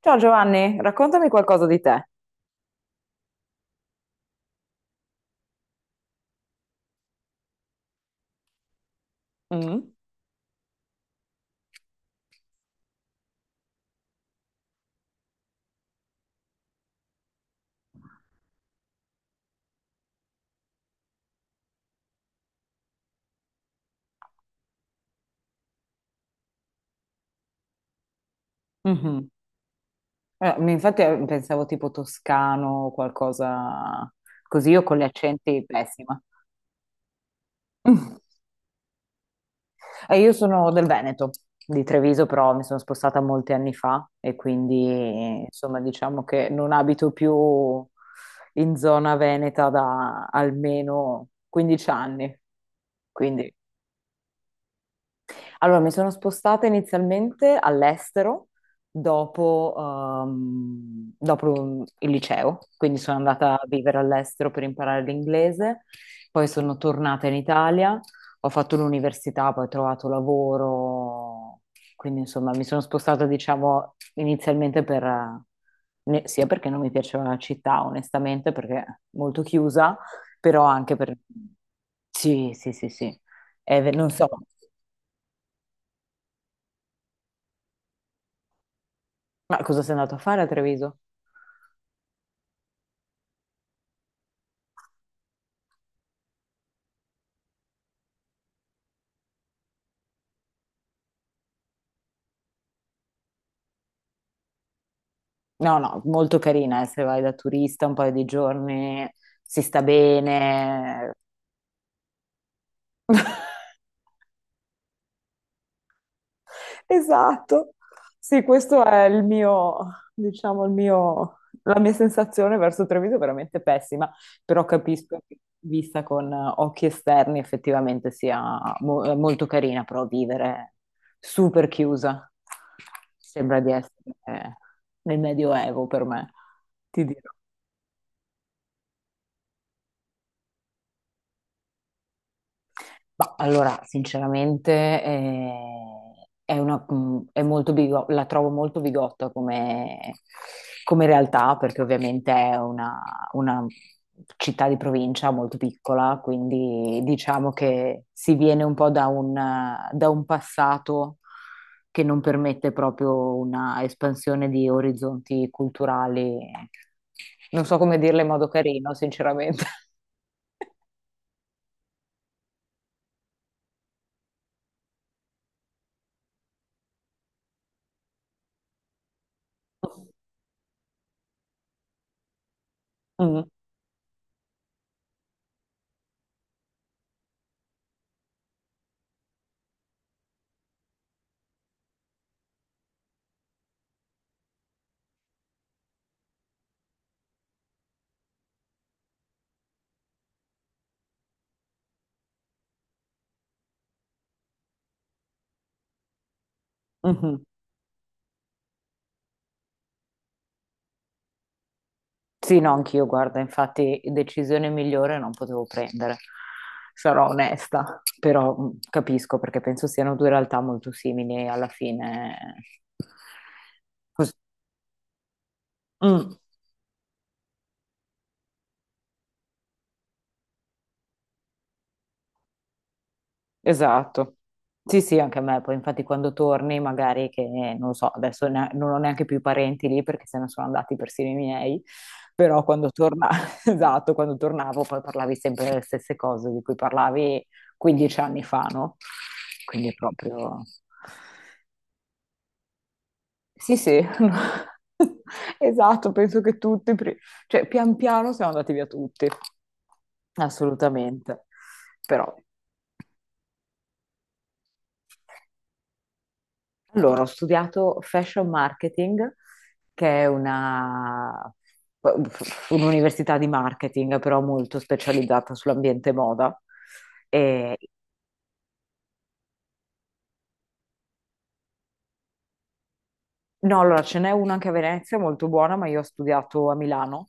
Ciao Giovanni, raccontami qualcosa di te. Mm. Mhm. Infatti, pensavo tipo toscano o qualcosa così. Io con gli accenti pessima. E io sono del Veneto, di Treviso, però mi sono spostata molti anni fa e quindi, insomma, diciamo che non abito più in zona veneta da almeno 15 anni. Quindi Allora, mi sono spostata inizialmente all'estero dopo il liceo. Quindi sono andata a vivere all'estero per imparare l'inglese, poi sono tornata in Italia, ho fatto l'università, poi ho trovato lavoro. Quindi, insomma, mi sono spostata, diciamo, inizialmente sia perché non mi piaceva la città, onestamente, perché è molto chiusa, però anche per... Sì, sì, sì, sì. Non so. Ma cosa sei andato a fare a Treviso? No, no, molto carina, se vai da turista un paio di giorni, si sta bene. Esatto, sì, questo è diciamo, la mia sensazione verso Treviso è veramente pessima, però capisco che vista con occhi esterni effettivamente sia molto carina, però vivere super chiusa sembra di essere eh, nel Medioevo per me, ti dirò. Ma allora, sinceramente, è una- è molto bigo- la trovo molto bigotta come, come realtà, perché ovviamente è una città di provincia molto piccola, quindi diciamo che si viene un po' da un passato che non permette proprio una espansione di orizzonti culturali. Non so come dirla in modo carino, sinceramente. Mm, mhm. Sì, no, anch'io, guarda, infatti decisione migliore non potevo prendere, sarò onesta, però capisco perché penso siano due realtà molto simili e alla fine... cos- Mm. Esatto. Sì, sì, anche a me. Poi, infatti, quando torni, magari che non lo so, adesso non ho neanche più i parenti lì perché se ne sono andati persino i miei. Però esatto, quando tornavo poi parlavi sempre delle stesse cose di cui parlavi 15 anni fa, no? Quindi è proprio. Sì, sì. Esatto, penso che tutti, cioè pian piano siamo andati via tutti. Assolutamente. Però Allora, ho studiato fashion marketing, che è un'università di marketing, però molto specializzata sull'ambiente moda. E- no, allora ce n'è una anche a Venezia, molto buona, ma io ho studiato a Milano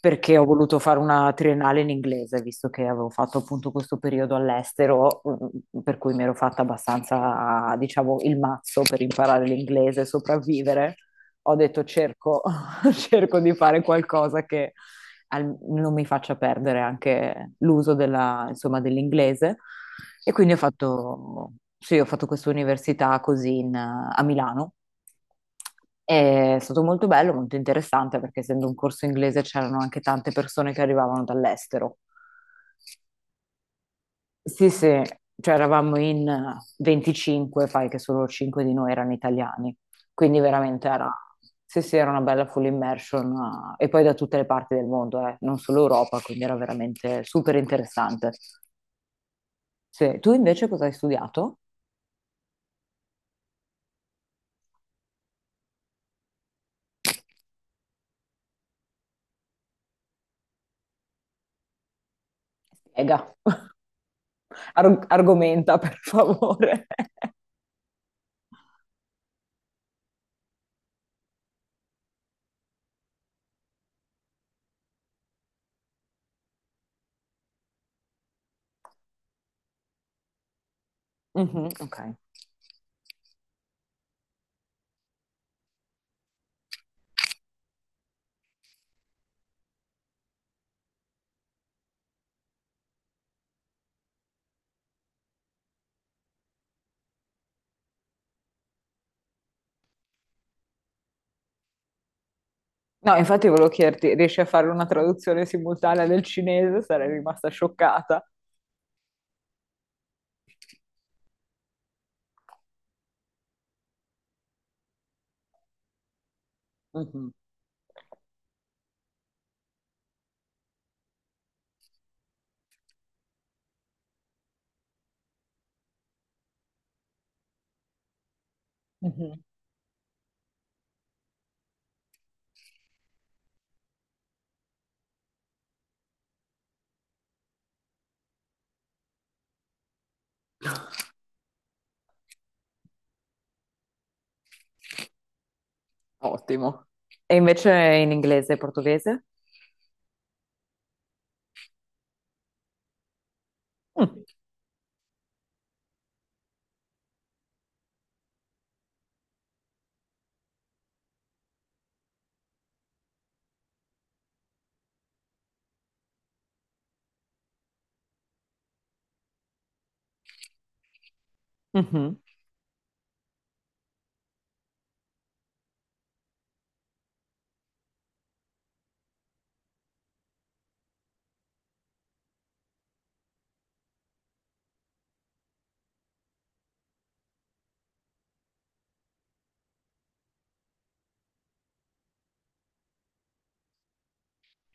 perché ho voluto fare una triennale in inglese, visto che avevo fatto appunto questo periodo all'estero, per cui mi ero fatta abbastanza, diciamo, il mazzo per imparare l'inglese e sopravvivere. Ho detto, cerco, cerco di fare qualcosa che non mi faccia perdere anche l'uso insomma, dell'inglese. E quindi ho fatto, sì, ho fatto questa università a Milano. È stato molto bello, molto interessante perché essendo un corso inglese c'erano anche tante persone che arrivavano dall'estero. Sì, sì, cioè eravamo in 25, fai che solo 5 di noi erano italiani, quindi veramente sì, sì, era una bella full immersion. E poi da tutte le parti del mondo, non solo Europa, quindi era veramente super interessante. Sì. Tu invece cosa hai studiato? Spiega. Argomenta per favore. Mhm, ok. No, infatti volevo chiederti, riesci a fare una traduzione simultanea del cinese? Sarei rimasta scioccata. Mhm. Mhm. Ottimo. E invece in inglese e portoghese? Mm, mhm.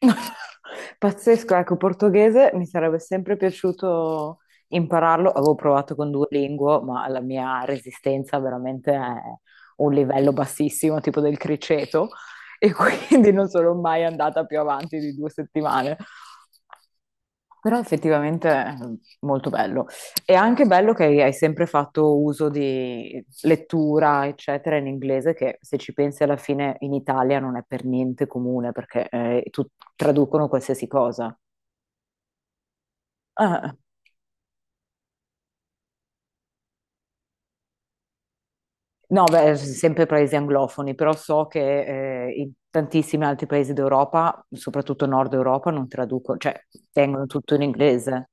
Pazzesco, ecco, portoghese mi sarebbe sempre piaciuto impararlo. Avevo provato con Duolingo, ma la mia resistenza veramente è un livello bassissimo, tipo del criceto, e quindi non sono mai andata più avanti di 2 settimane. Però effettivamente è molto bello. E anche bello che hai sempre fatto uso di lettura, eccetera, in inglese, che se ci pensi alla fine in Italia non è per niente comune perché traducono qualsiasi cosa. Ah, no, beh, sempre paesi anglofoni, però so che in tantissimi altri paesi d'Europa, soprattutto Nord Europa, non traducono, cioè tengono tutto in inglese.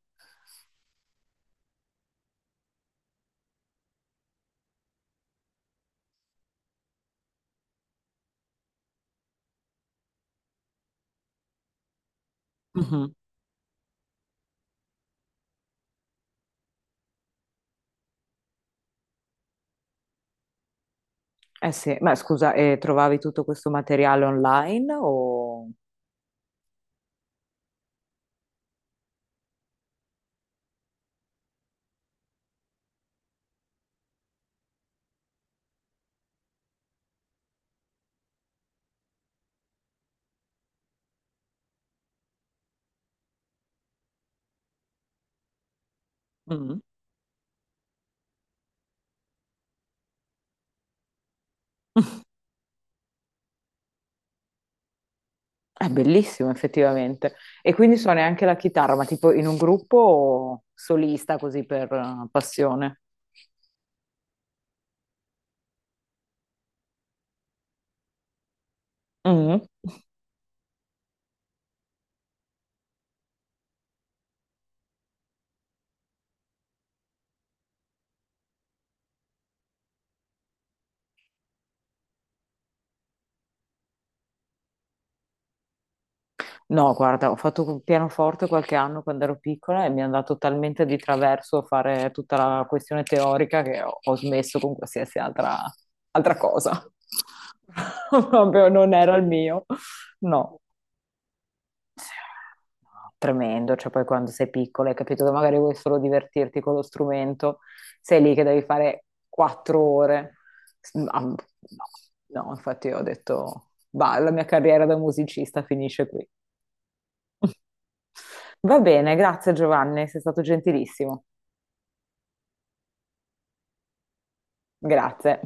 Mhm. Eh sì, ma scusa, trovavi tutto questo materiale online o... Mhm. È bellissimo effettivamente. E quindi suoni anche la chitarra, ma tipo in un gruppo o solista così per passione? Mm. No, guarda, ho fatto il pianoforte qualche anno quando ero piccola e mi è andato talmente di traverso a fare tutta la questione teorica che ho smesso con qualsiasi altra cosa. Proprio non era il mio. No. Tremendo, cioè poi quando sei piccolo hai capito che magari vuoi solo divertirti con lo strumento, sei lì che devi fare 4 ore. No, no, infatti io ho detto, bah, la mia carriera da musicista finisce qui. Va bene, grazie Giovanni, sei stato gentilissimo. Grazie.